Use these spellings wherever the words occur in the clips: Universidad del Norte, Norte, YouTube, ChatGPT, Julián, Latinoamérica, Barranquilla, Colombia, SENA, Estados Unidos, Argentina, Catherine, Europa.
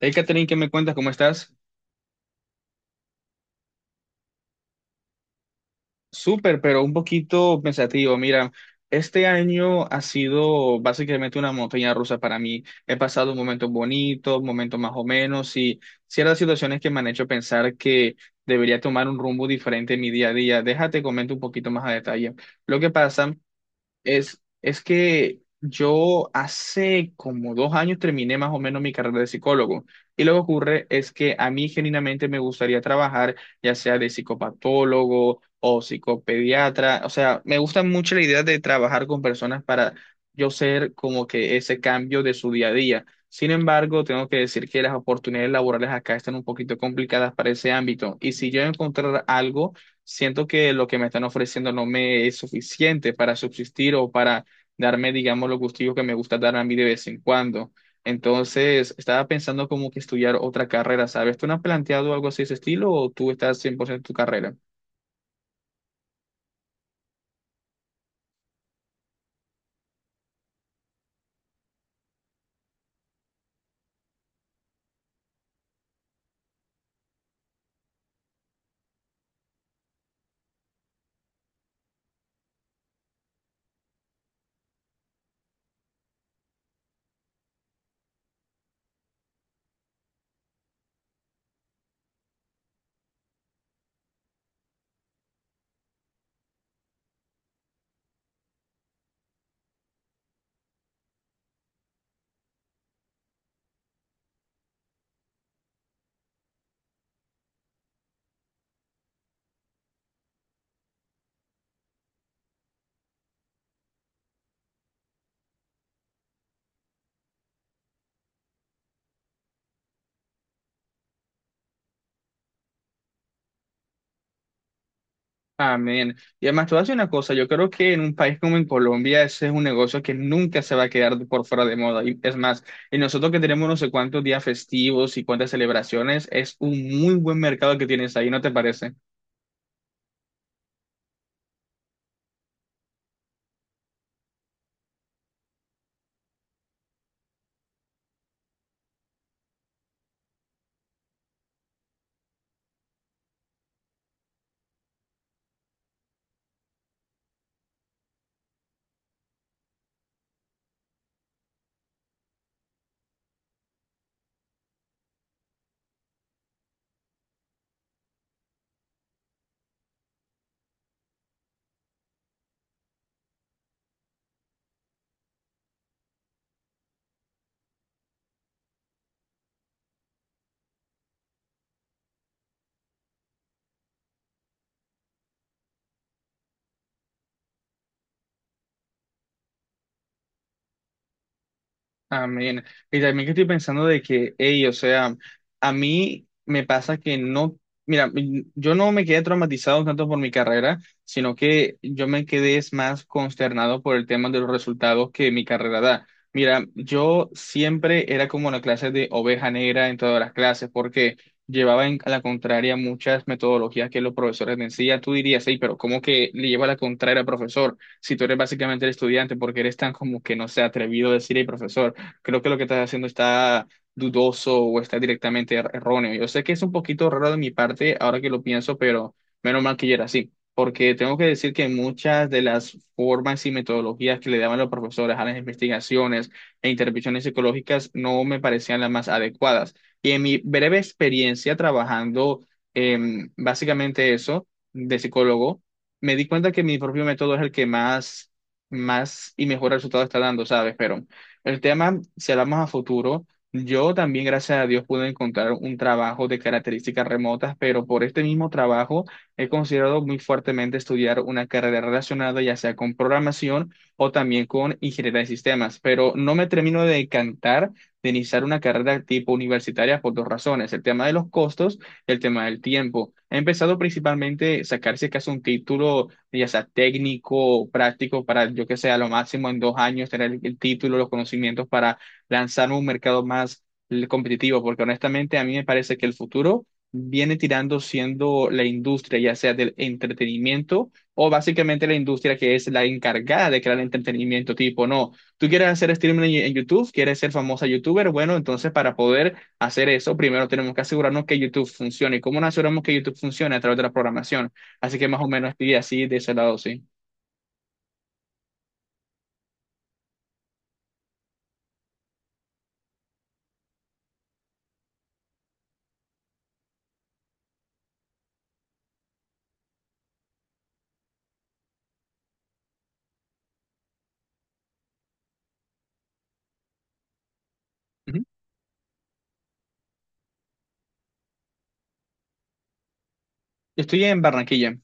Hey, Catherine, ¿qué me cuentas? ¿Cómo estás? Súper, pero un poquito pensativo. Mira, este año ha sido básicamente una montaña rusa para mí. He pasado momentos bonitos, momentos más o menos, y ciertas situaciones que me han hecho pensar que debería tomar un rumbo diferente en mi día a día. Déjate comento un poquito más a detalle. Lo que pasa. Es que yo hace como 2 años terminé más o menos mi carrera de psicólogo y lo que ocurre es que a mí genuinamente me gustaría trabajar ya sea de psicopatólogo o psicopediatra, o sea, me gusta mucho la idea de trabajar con personas para yo ser como que ese cambio de su día a día. Sin embargo, tengo que decir que las oportunidades laborales acá están un poquito complicadas para ese ámbito y si yo encontrar algo siento que lo que me están ofreciendo no me es suficiente para subsistir o para darme, digamos, los gustillos que me gusta dar a mí de vez en cuando. Entonces, estaba pensando como que estudiar otra carrera, ¿sabes? ¿Tú no has planteado algo así de ese estilo o tú estás 100% en tu carrera? Amén. Y además, te voy a decir una cosa, yo creo que en un país como en Colombia ese es un negocio que nunca se va a quedar por fuera de moda. Y es más, y nosotros que tenemos no sé cuántos días festivos y cuántas celebraciones, es un muy buen mercado que tienes ahí, ¿no te parece? Amén. Y también que estoy pensando de que, hey, o sea, a mí me pasa que no, mira, yo no me quedé traumatizado tanto por mi carrera, sino que yo me quedé es más consternado por el tema de los resultados que mi carrera da. Mira, yo siempre era como la clase de oveja negra en todas las clases, porque a la contraria muchas metodologías que los profesores me enseñan. Tú dirías, hey, pero ¿cómo que le lleva a la contraria al profesor? Si tú eres básicamente el estudiante, porque eres tan como que no se atrevido a decir, hey, profesor, creo que lo que estás haciendo está dudoso o está directamente erróneo. Yo sé que es un poquito raro de mi parte ahora que lo pienso, pero menos mal que yo era así, porque tengo que decir que muchas de las formas y metodologías que le daban los profesores a las investigaciones e intervenciones psicológicas no me parecían las más adecuadas. Y en mi breve experiencia trabajando en básicamente eso de psicólogo, me di cuenta que mi propio método es el que más, más y mejor resultado está dando, ¿sabes? Pero el tema, si hablamos a futuro, yo también, gracias a Dios, pude encontrar un trabajo de características remotas, pero por este mismo trabajo he considerado muy fuertemente estudiar una carrera relacionada, ya sea con programación o también con ingeniería de sistemas, pero no me termino de encantar de iniciar una carrera tipo universitaria por dos razones: el tema de los costos y el tema del tiempo. He empezado principalmente a sacarse casi un título ya sea técnico o práctico, para yo que sé, a lo máximo en 2 años tener el título, los conocimientos para lanzar un mercado más competitivo, porque honestamente a mí me parece que el futuro viene tirando siendo la industria, ya sea del entretenimiento o básicamente la industria que es la encargada de crear entretenimiento, tipo, no, tú quieres hacer streaming en YouTube, quieres ser famosa youtuber, bueno, entonces para poder hacer eso, primero tenemos que asegurarnos que YouTube funcione. ¿Y cómo nos aseguramos que YouTube funcione? A través de la programación. Así que más o menos estoy así de ese lado, sí. Ujú. Estoy en Barranquilla.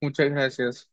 Muchas gracias.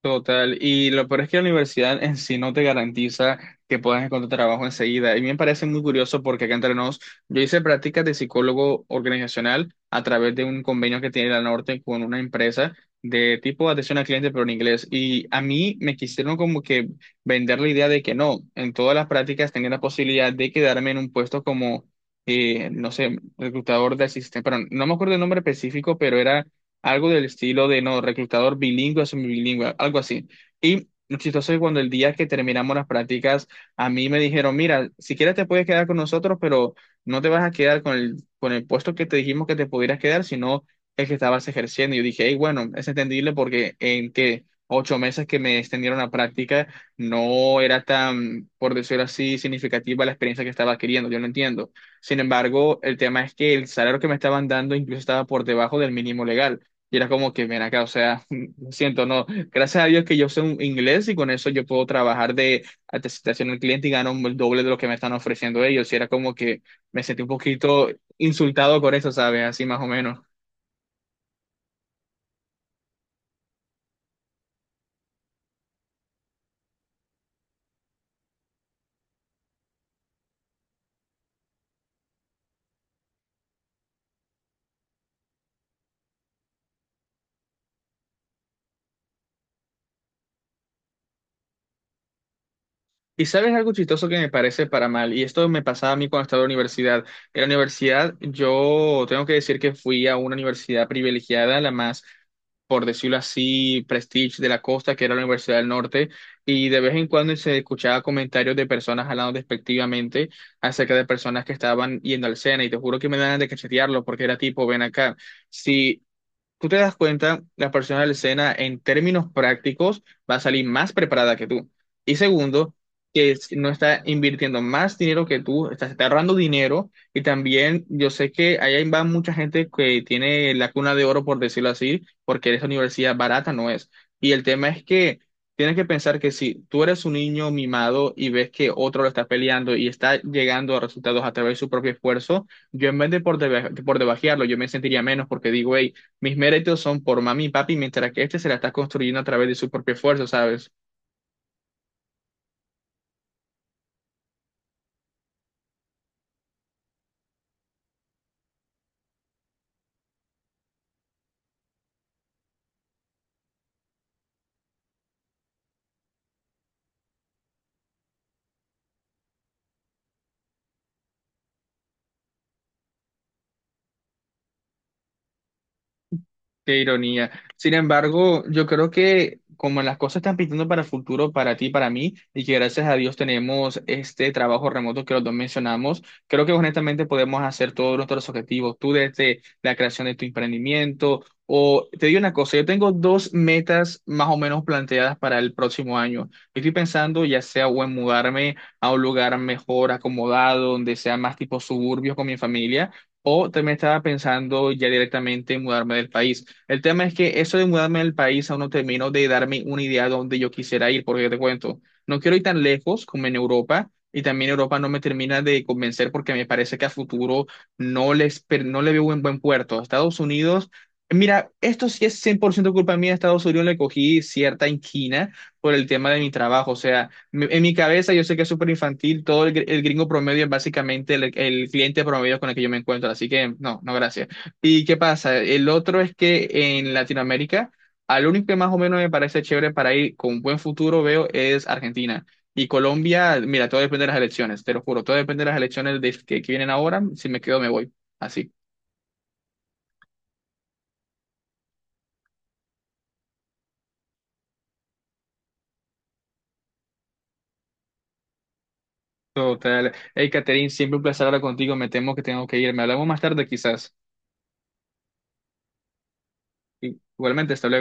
Total, y lo peor es que la universidad en sí no te garantiza que puedas encontrar trabajo enseguida. Y me parece muy curioso porque acá entre nos, yo hice prácticas de psicólogo organizacional a través de un convenio que tiene la Norte con una empresa de tipo atención al cliente, pero en inglés. Y a mí me quisieron como que vender la idea de que no, en todas las prácticas tenía la posibilidad de quedarme en un puesto como, no sé, reclutador de asistente, pero no me acuerdo el nombre específico, pero era algo del estilo de no, reclutador bilingüe o semibilingüe, algo así. Y lo chistoso es cuando el día que terminamos las prácticas, a mí me dijeron, mira, si quieres te puedes quedar con nosotros, pero no te vas a quedar con con el puesto que te dijimos que te pudieras quedar, sino el que estabas ejerciendo. Y yo dije, hey, bueno, es entendible porque en que 8 meses que me extendieron la práctica, no era tan, por decirlo así, significativa la experiencia que estaba adquiriendo, yo lo entiendo. Sin embargo, el tema es que el salario que me estaban dando incluso estaba por debajo del mínimo legal. Y era como que, ven acá, o sea, lo siento, no. Gracias a Dios que yo sé un inglés y con eso yo puedo trabajar de atención al cliente y gano el doble de lo que me están ofreciendo ellos. Y era como que me sentí un poquito insultado con eso, ¿sabes? Así más o menos. Y sabes algo chistoso que me parece para mal, y esto me pasaba a mí cuando estaba en la universidad. En la universidad yo tengo que decir que fui a una universidad privilegiada, la más, por decirlo así, prestige de la costa, que era la Universidad del Norte, y de vez en cuando se escuchaba comentarios de personas hablando despectivamente acerca de personas que estaban yendo al SENA, y te juro que me dan ganas de cachetearlo, porque era tipo, ven acá, si tú te das cuenta, la persona de la escena en términos prácticos va a salir más preparada que tú. Y segundo, que es- no está invirtiendo más dinero que tú, está ahorrando dinero. Y también yo sé que allá va mucha gente que tiene la cuna de oro, por decirlo así, porque esa universidad barata no es. Y el tema es que tienes que pensar que si tú eres un niño mimado y ves que otro lo está peleando y está llegando a resultados a través de su propio esfuerzo, yo en vez de por debajearlo, yo me sentiría menos porque digo, "Ey, mis méritos son por mami y papi, mientras que este se la está construyendo a través de su propio esfuerzo, ¿sabes? Qué ironía. Sin embargo, yo creo que como las cosas están pintando para el futuro, para ti, para mí, y que gracias a Dios tenemos este trabajo remoto que los dos mencionamos, creo que honestamente podemos hacer todos nuestros objetivos. Tú desde la creación de tu emprendimiento, o te digo una cosa, yo tengo dos metas más o menos planteadas para el próximo año. Estoy pensando ya sea o en mudarme a un lugar mejor acomodado, donde sea más tipo suburbios con mi familia. O también estaba pensando ya directamente en mudarme del país. El tema es que eso de mudarme del país aún no termino de darme una idea de dónde yo quisiera ir, porque te cuento, no quiero ir tan lejos como en Europa, y también Europa no me termina de convencer porque me parece que a futuro no le veo un buen puerto. Estados Unidos, mira, esto sí es 100% culpa mía, a Estados Unidos le cogí cierta inquina por el tema de mi trabajo, o sea, en mi cabeza yo sé que es súper infantil, el gringo promedio es básicamente el cliente promedio con el que yo me encuentro, así que no, no, gracias. ¿Y qué pasa? El otro es que en Latinoamérica, al único que más o menos me parece chévere para ir con buen futuro, veo, es Argentina. Y Colombia, mira, todo depende de las elecciones, te lo juro, todo depende de las elecciones que vienen ahora. Si me quedo, me voy. Así. Total. Hey, Catherine, siempre un placer hablar contigo. Me temo que tengo que ir. Me hablamos más tarde, quizás. Igualmente, hasta luego.